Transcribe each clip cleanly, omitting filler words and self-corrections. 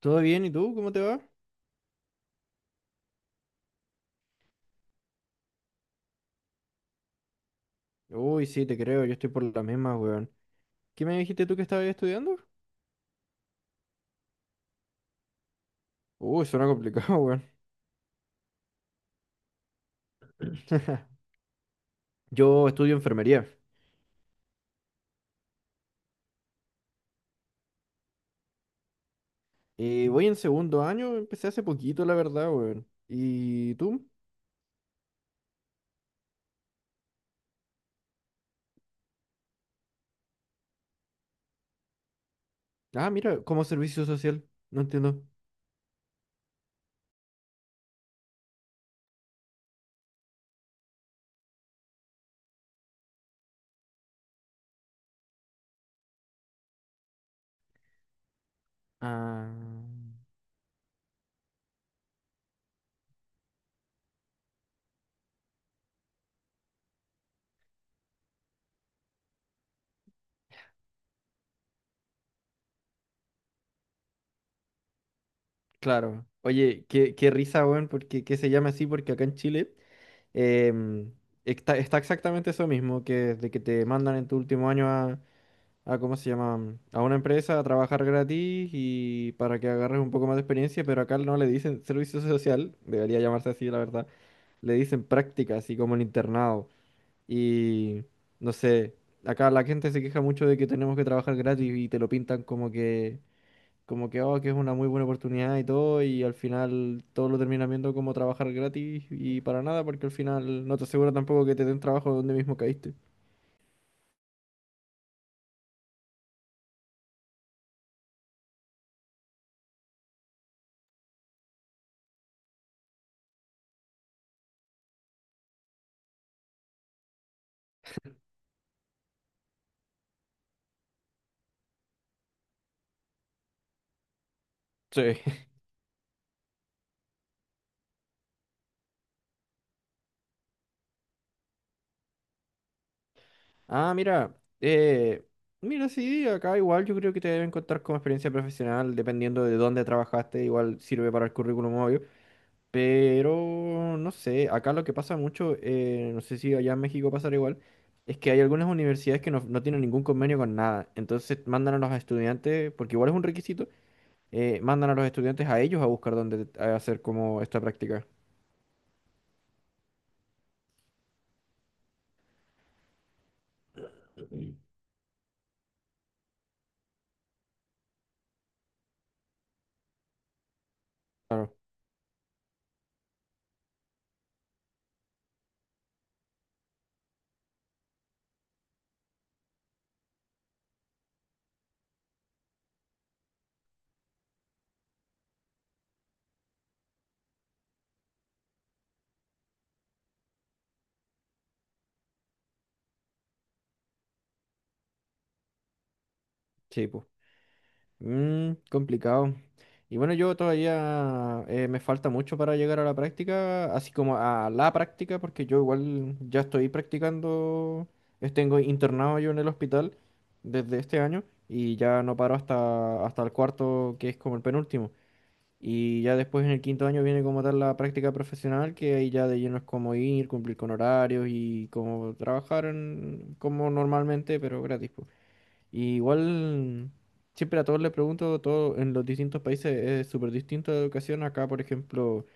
¿Todo bien? ¿Y tú? ¿Cómo te va? Uy, sí, te creo, yo estoy por las mismas weón. ¿Qué me dijiste tú que estabas estudiando? Uy, suena complicado, weón. Yo estudio enfermería. Y voy en segundo año, empecé hace poquito, la verdad, weón. ¿Y tú? Ah, mira, como servicio social. No entiendo. Ah, claro. Oye, qué risa, weón, porque que se llama así, porque acá en Chile em, está exactamente eso mismo, que de que te mandan en tu último año a, ¿cómo se llama? A una empresa a trabajar gratis y para que agarres un poco más de experiencia, pero acá no le dicen servicio social, debería llamarse así, la verdad. Le dicen práctica, así como el internado. Y no sé, acá la gente se queja mucho de que tenemos que trabajar gratis y te lo pintan como que, oh, que es una muy buena oportunidad y todo, y al final todo lo terminan viendo como trabajar gratis y para nada, porque al final no te asegura tampoco que te den trabajo donde mismo caíste. Sí. Ah, mira, eh, mira, sí, acá igual yo creo que te deben contar como experiencia profesional, dependiendo de dónde trabajaste, igual sirve para el currículum, obvio. Pero, no sé, acá lo que pasa mucho, no sé si allá en México pasará igual, es que hay algunas universidades que no, no tienen ningún convenio con nada. Entonces mandan a los estudiantes, porque igual es un requisito, mandan a los estudiantes a ellos a buscar dónde hacer como esta práctica. Sí, pues. Mm, complicado. Y bueno, yo todavía me falta mucho para llegar a la práctica, así como a la práctica, porque yo igual ya estoy practicando, tengo internado yo en el hospital desde este año y ya no paro hasta el cuarto, que es como el penúltimo. Y ya después en el quinto año viene como tal la práctica profesional, que ahí ya de lleno es como ir, cumplir con horarios y como trabajar como normalmente, pero gratis po. Y igual, siempre a todos les pregunto, todo en los distintos países es súper distinto la educación. Acá, por ejemplo,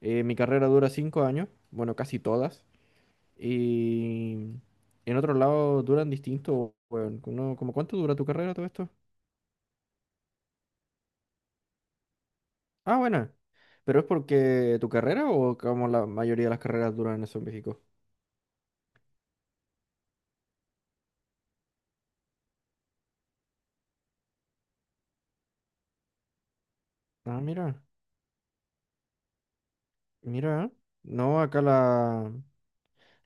mi carrera dura 5 años, bueno, casi todas. Y en otros lados duran distinto. Bueno, ¿cómo cuánto dura tu carrera todo esto? Ah, bueno. ¿Pero es porque tu carrera o como la mayoría de las carreras duran eso en México? Ah, mira. ¿Eh? No, acá la...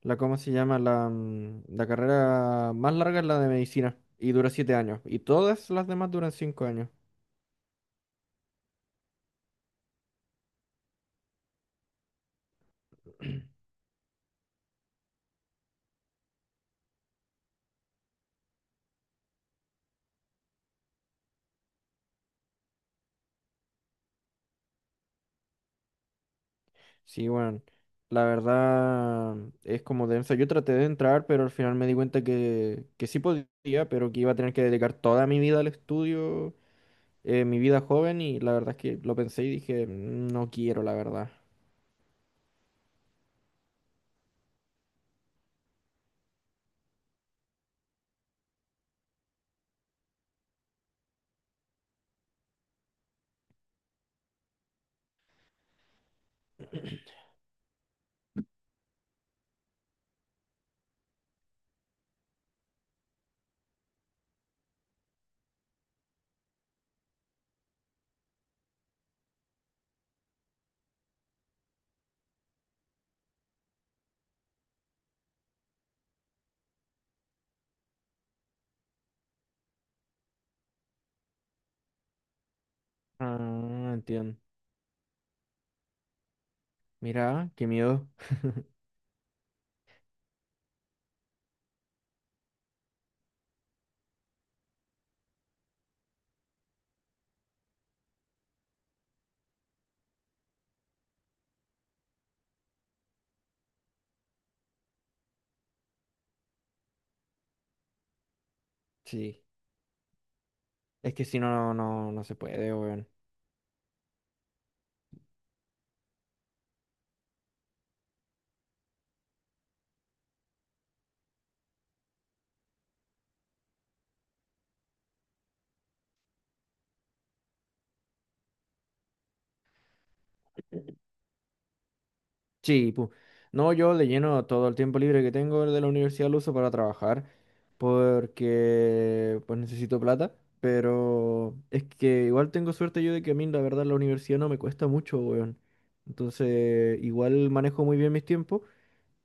La, ¿cómo se llama? La carrera más larga es la de medicina y dura 7 años. Y todas las demás duran 5 años. Sí, bueno, la verdad es como densa. Yo traté de entrar, pero al final me di cuenta que sí podía, pero que iba a tener que dedicar toda mi vida al estudio, mi vida joven, y la verdad es que lo pensé y dije, "Mm, no quiero, la verdad. Ah, entiendo. Mira, qué miedo. Sí, es que si no, no, no se puede, weón. Sí, pu. No, yo le lleno todo el tiempo libre que tengo de la universidad, lo uso para trabajar, porque pues necesito plata, pero es que igual tengo suerte yo de que a mí la verdad la universidad no me cuesta mucho, weón. Entonces, igual manejo muy bien mis tiempos,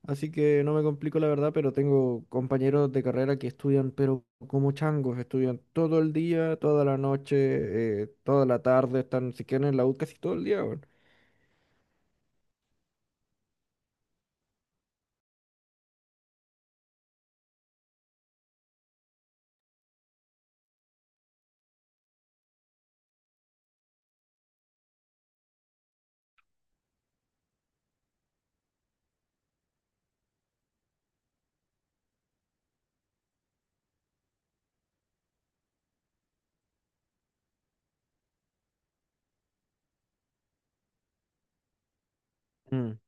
así que no me complico la verdad, pero tengo compañeros de carrera que estudian, pero como changos, estudian todo el día, toda la noche, toda la tarde, están, si quieren en la U casi todo el día, weón. Mm,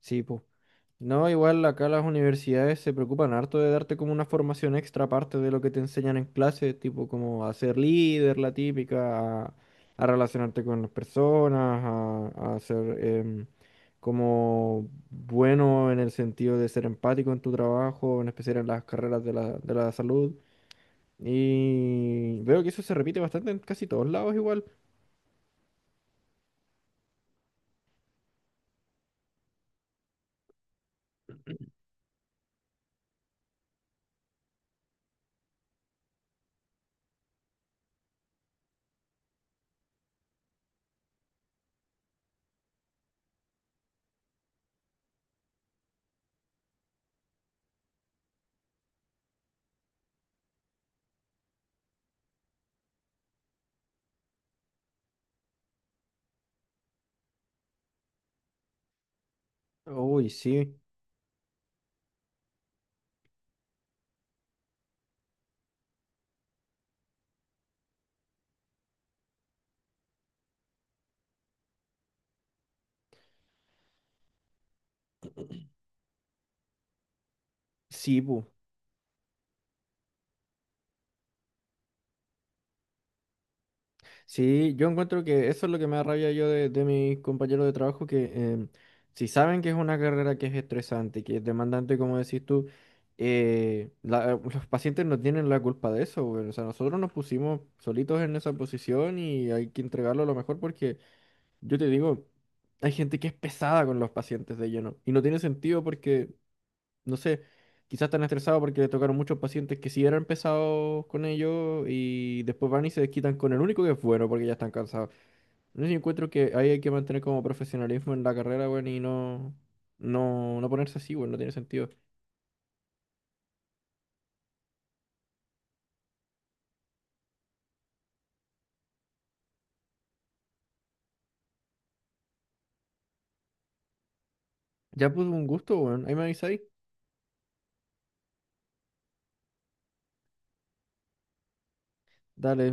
sí, pues. No, igual acá las universidades se preocupan harto de darte como una formación extra aparte de lo que te enseñan en clase, tipo como a ser líder, la típica, a, relacionarte con las personas, a ser como bueno en el sentido de ser empático en tu trabajo, en especial en las carreras de la salud. Y veo que eso se repite bastante en casi todos lados igual. Uy, sí, sí, pu. Sí, yo encuentro que eso es lo que me da rabia yo de mis compañeros de trabajo, que si saben que es una carrera que es estresante, que es demandante, como decís tú, los pacientes no tienen la culpa de eso, güey. O sea, nosotros nos pusimos solitos en esa posición y hay que entregarlo a lo mejor porque, yo te digo, hay gente que es pesada con los pacientes de lleno y no tiene sentido porque no sé, quizás están estresados porque le tocaron muchos pacientes que sí eran pesados con ellos y después van y se desquitan con el único que es bueno porque ya están cansados. Entonces yo encuentro que ahí hay que mantener como profesionalismo en la carrera, weón, y no, no, no ponerse así, weón, no tiene sentido. Ya pues un gusto, weón, ahí me avisáis. Dale,